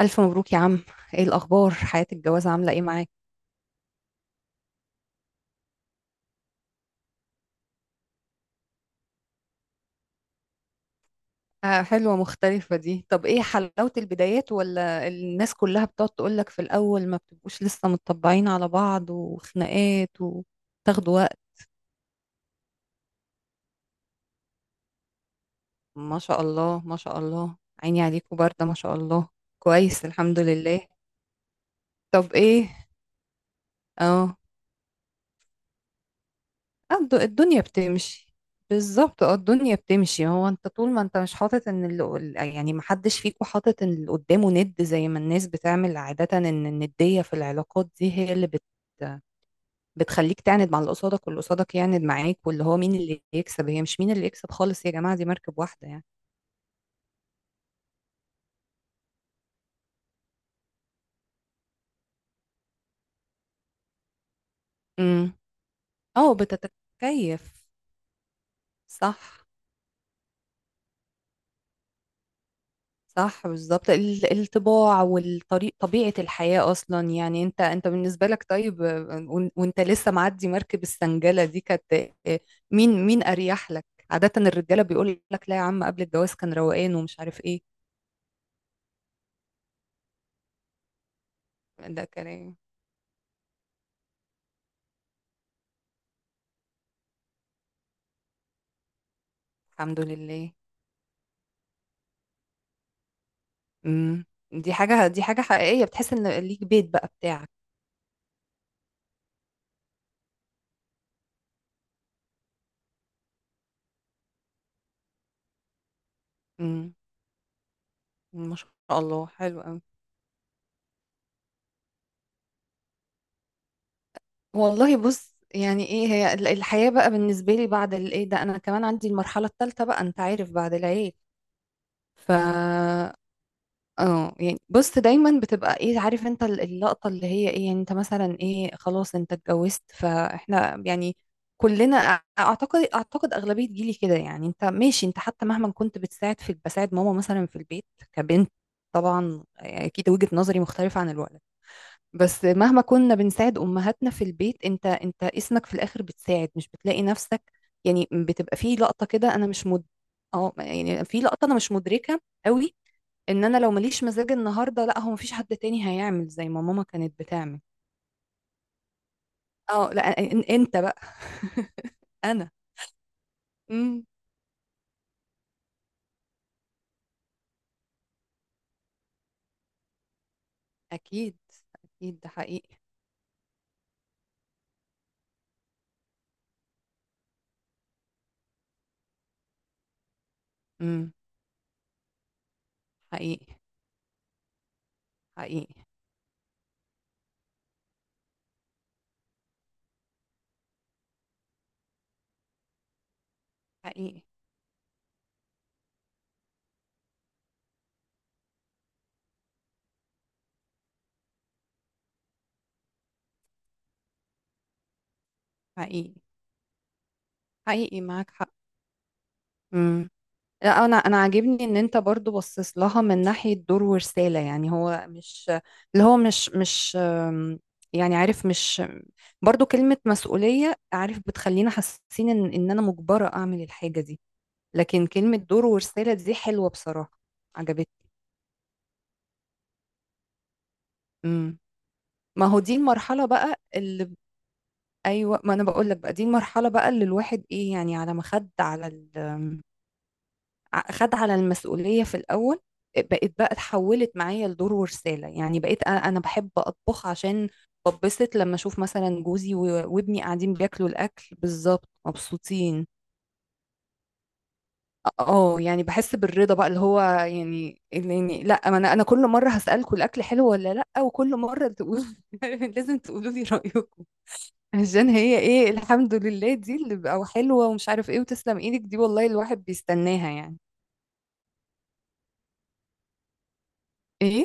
ألف مبروك يا عم. ايه الأخبار؟ حياة الجواز عاملة ايه معاك؟ آه، حلوة مختلفة دي. طب ايه؟ حلاوة البدايات ولا الناس كلها بتقعد تقولك في الأول ما بتبقوش لسه متطبعين على بعض وخناقات وتاخدوا وقت؟ ما شاء الله، ما شاء الله، عيني عليكم باردة ما شاء الله. كويس الحمد لله. طب ايه؟ اه. الدنيا بتمشي. بالظبط، اه الدنيا بتمشي. هو انت طول ما انت مش حاطط ان يعني محدش فيكم حاطط ان اللي قدامه ند زي ما الناس بتعمل عادة، ان الندية في العلاقات دي هي اللي بتخليك تعند مع اللي قصادك واللي قصادك يعند معاك، واللي هو مين اللي يكسب؟ هي مش مين اللي يكسب خالص يا جماعة، دي مركب واحدة يعني. امم اه بتتكيف. صح صح بالظبط، الطباع والطريق طبيعة الحياة أصلا. يعني أنت بالنسبة لك طيب، وأنت لسه معدي مركب السنجلة دي كانت. آه، مين أريح لك؟ عادة الرجالة بيقول لك لا يا عم قبل الجواز كان روقان ومش عارف إيه. ده كلام. الحمد لله. امم دي حاجة، دي حاجة حقيقية، بتحس إن ليك بيت بقى بتاعك. امم ما شاء الله، حلو أوي. والله بص، يعني ايه هي الحياة بقى بالنسبة لي بعد الايه ده، انا كمان عندي المرحلة الثالثة بقى انت عارف، بعد العيال. ف اه يعني بص دايما بتبقى ايه عارف انت اللقطة اللي هي ايه، يعني انت مثلا ايه، خلاص انت اتجوزت. فاحنا يعني كلنا اعتقد اغلبية جيلي كده، يعني انت ماشي انت حتى مهما كنت بتساعد في بساعد ماما مثلا في البيت كبنت. طبعا اكيد وجهة نظري مختلفة عن الولد، بس مهما كنا بنساعد امهاتنا في البيت انت اسمك في الاخر بتساعد، مش بتلاقي نفسك. يعني بتبقى في لقطة كده، انا مش مد اه يعني في لقطة انا مش مدركة قوي ان انا لو ماليش مزاج النهارده لا هو مفيش حد تاني هيعمل زي ما ماما كانت بتعمل. اه لا إن انت بقى. انا امم اكيد، اكيد ده حقيقي. امم حقيقي حقيقي حقيقي حقيقي حقيقي معاك حق. امم لا انا، عاجبني ان انت برضو بصص لها من ناحيه دور ورساله، يعني هو مش اللي هو مش يعني عارف، مش برضو كلمه مسؤوليه عارف بتخلينا حاسين ان ان انا مجبره اعمل الحاجه دي، لكن كلمة دور ورسالة دي حلوة بصراحة، عجبتني. امم ما هو دي المرحلة بقى ايوه ما انا بقول لك بقى، دي المرحلة بقى اللي الواحد ايه يعني على ما خد على ال... خد على المسؤولية في الاول، بقيت بقى اتحولت معايا لدور ورسالة. يعني بقيت انا بحب اطبخ عشان ببسط لما اشوف مثلا جوزي وابني قاعدين بياكلوا الاكل بالظبط مبسوطين. اه يعني بحس بالرضا بقى، اللي هو يعني اللي يعني لا ما انا كل مره هسالكم الاكل حلو ولا لا، وكل مره تقولوا. لازم تقولوا لي رايكم عشان هي ايه الحمد لله دي اللي بقى حلوه ومش عارف ايه، وتسلم ايدك دي والله الواحد بيستناها يعني. ايه،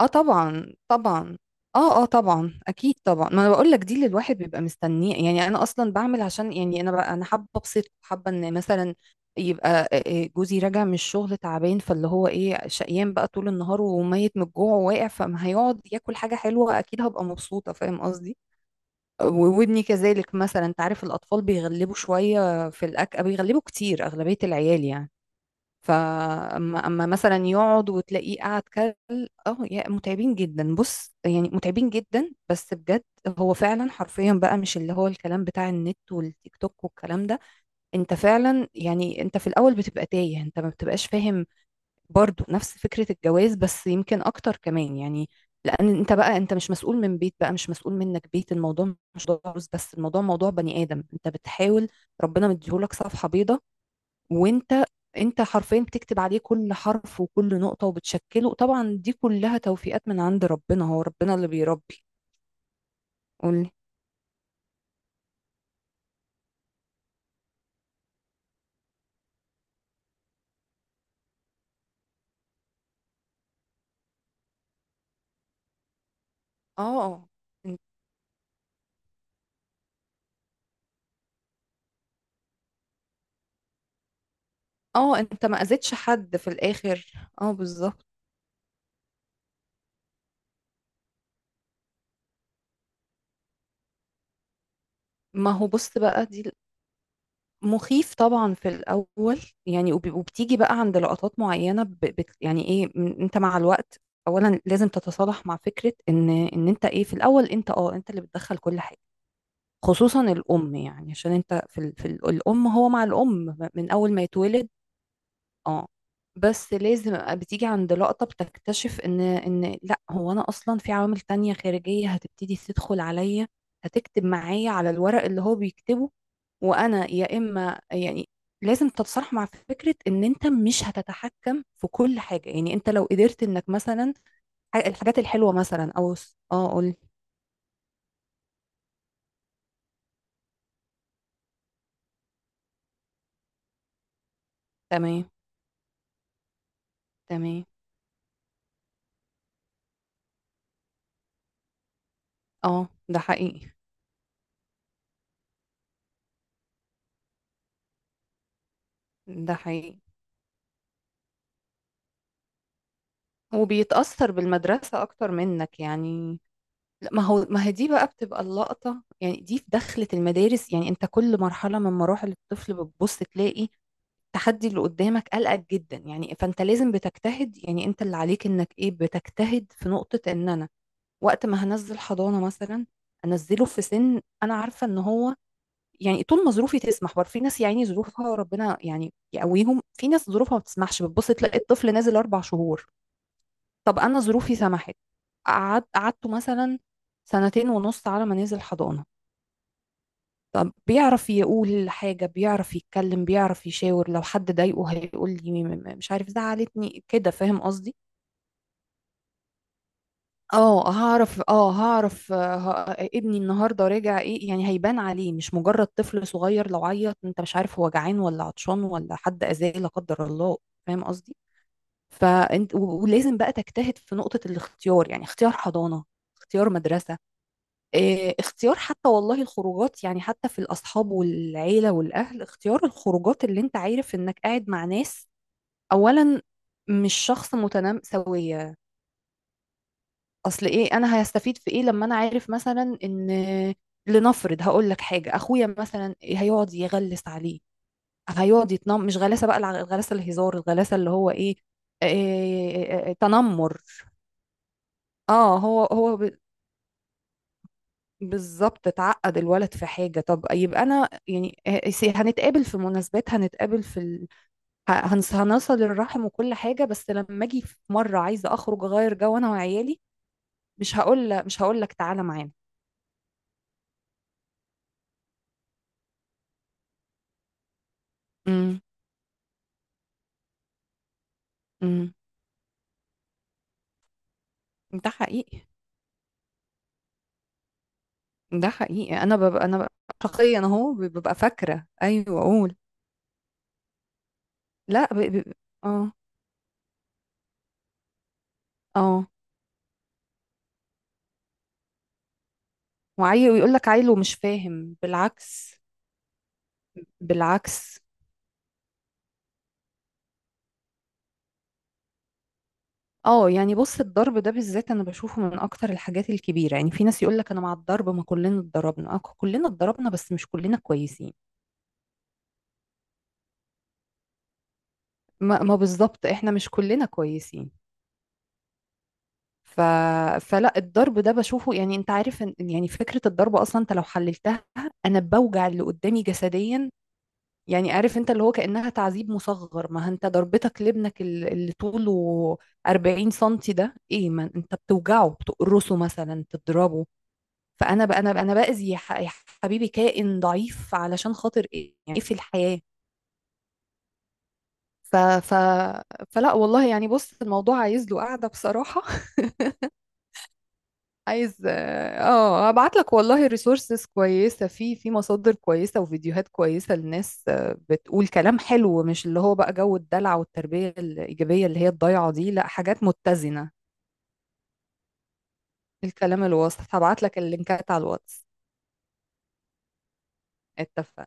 اه طبعا طبعا. اه اه طبعا اكيد طبعا، ما انا بقول لك دي اللي الواحد بيبقى مستنيه يعني. انا اصلا بعمل عشان يعني انا بقى، انا حابه ابسط، حابه ان مثلا يبقى إيه جوزي راجع من الشغل تعبان، فاللي هو ايه شقيان بقى طول النهار وميت من الجوع وواقع، فما هيقعد ياكل حاجه حلوه اكيد هبقى مبسوطه، فاهم قصدي. وابني كذلك مثلا، انت عارف الاطفال بيغلبوا شويه في الاكل، بيغلبوا كتير اغلبيه العيال يعني. اما مثلا يقعد وتلاقيه قاعد كل. اه يا متعبين جدا. بص يعني متعبين جدا بس بجد، هو فعلا حرفيا بقى مش اللي هو الكلام بتاع النت والتيك توك والكلام ده، انت فعلا يعني انت في الاول بتبقى تايه، انت ما بتبقاش فاهم. برضو نفس فكرة الجواز بس يمكن اكتر كمان يعني، لان انت بقى انت مش مسؤول من بيت بقى، مش مسؤول منك بيت، الموضوع مش موضوع فلوس بس، الموضوع موضوع بني ادم انت بتحاول. ربنا مديهولك صفحة بيضاء، وانت حرفيا بتكتب عليه كل حرف وكل نقطة وبتشكله. طبعا دي كلها توفيقات من عند ربنا، هو ربنا اللي بيربي. قولي. اه ان- اه انت ما اذيتش حد في الاخر. اه بالظبط. ما هو بص بقى دي، مخيف طبعا في الاول. يعني وبتيجي بقى عند لقطات معينة، ب- بت يعني ايه انت مع الوقت اولا لازم تتصالح مع فكرة ان ان انت ايه، في الاول انت اه انت اللي بتدخل كل حاجة خصوصا الأم. يعني عشان انت في, ال... في ال... الأم، هو مع الأم من أول ما يتولد. اه بس لازم أبقى، بتيجي عند لقطة بتكتشف ان ان لا هو انا اصلا في عوامل تانية خارجية هتبتدي تدخل عليا، هتكتب معايا على الورق اللي هو بيكتبه. وانا يا اما يعني لازم تتصالح مع فكرة ان انت مش هتتحكم في كل حاجة. يعني انت لو قدرت انك مثلا الحاجات الحلوة مثلا او اه قول. تمام تمام. اه ده حقيقي. ده حقيقي. وبيتأثر بالمدرسة أكتر منك يعني. لا ما هو، ما هي دي بقى بتبقى اللقطة يعني، دي في دخلة المدارس يعني. أنت كل مرحلة من مراحل الطفل بتبص تلاقي التحدي اللي قدامك قلقك جدا يعني، فأنت لازم بتجتهد يعني. أنت اللي عليك إنك إيه، بتجتهد في نقطة إن أنا وقت ما هنزل حضانة مثلا أنزله في سن أنا عارفة إن هو، يعني طول ما ظروفي تسمح. برضه في ناس يعني ظروفها ربنا يعني يقويهم، في ناس ظروفها ما بتسمحش بتبص تلاقي الطفل نازل 4 شهور. طب انا ظروفي سمحت، قعد قعدته مثلا سنتين ونص على ما نزل حضانة. بيعرف يقول حاجة، بيعرف يتكلم، بيعرف يشاور لو حد ضايقه هيقول لي مش عارف زعلتني كده، فاهم قصدي. اه هعرف ابني النهارده راجع ايه، يعني هيبان عليه. مش مجرد طفل صغير لو عيط انت مش عارف هو جعان ولا عطشان ولا حد اذاه لا قدر الله، فاهم قصدي. فانت ولازم بقى تجتهد في نقطة الاختيار، يعني اختيار حضانة، اختيار مدرسة، اختيار حتى والله الخروجات، يعني حتى في الأصحاب والعيلة والأهل، اختيار الخروجات اللي انت عارف انك قاعد مع ناس أولا مش شخص متنمساوية. أصل ايه أنا هستفيد في ايه لما أنا عارف مثلا ان، لنفرض هقول لك حاجة، أخويا مثلا هيقعد يغلس عليه، هيقعد يتنم، مش غلاسة بقى الغلاسة الهزار، الغلاسة اللي هو ايه، تنمر. اه هو هو بالظبط، اتعقد الولد في حاجة. طب يبقى أنا يعني هنتقابل في مناسبات، هنتقابل في ال... هنصل الرحم وكل حاجة، بس لما أجي في مرة عايزة أخرج أغير جو أنا وعيالي، مش هقول، مش هقول لك تعالى معانا. امم امم ده حقيقي، ده حقيقي. أنا ببقى، أنا ببقى شخصيا أهو ببقى فاكرة، أيوه أقول. لا ب... ب... اه اه، وعيل، ويقول لك عيل ومش فاهم، بالعكس. بالعكس. اه يعني بص الضرب ده بالذات انا بشوفه من اكتر الحاجات الكبيره يعني، في ناس يقول لك انا مع الضرب ما كلنا اتضربنا، اه كلنا اتضربنا بس مش كلنا كويسين. ما, ما بالظبط احنا مش كلنا كويسين. ف... فلا الضرب ده بشوفه يعني، انت عارف ان يعني فكره الضرب اصلا انت لو حللتها انا بوجع اللي قدامي جسديا، يعني عارف انت اللي هو كانها تعذيب مصغر. ما انت ضربتك لابنك اللي طوله 40 سنتي ده ايه، ما انت بتوجعه، بتقرصه مثلا، تضربه. فانا بقى، انا باذي يا يا حبيبي كائن ضعيف علشان خاطر ايه، يعني إيه في الحياه. ف... ف... فلا والله يعني، بص الموضوع عايز له قاعده بصراحه. عايز اه ابعت لك والله ريسورسز كويسه في، في مصادر كويسه وفيديوهات كويسه للناس، بتقول كلام حلو، مش اللي هو بقى جو الدلع والتربيه الايجابيه اللي هي الضايعه دي، لا حاجات متزنه، الكلام الوسط. هبعت لك اللينكات على الواتس. اتفقنا.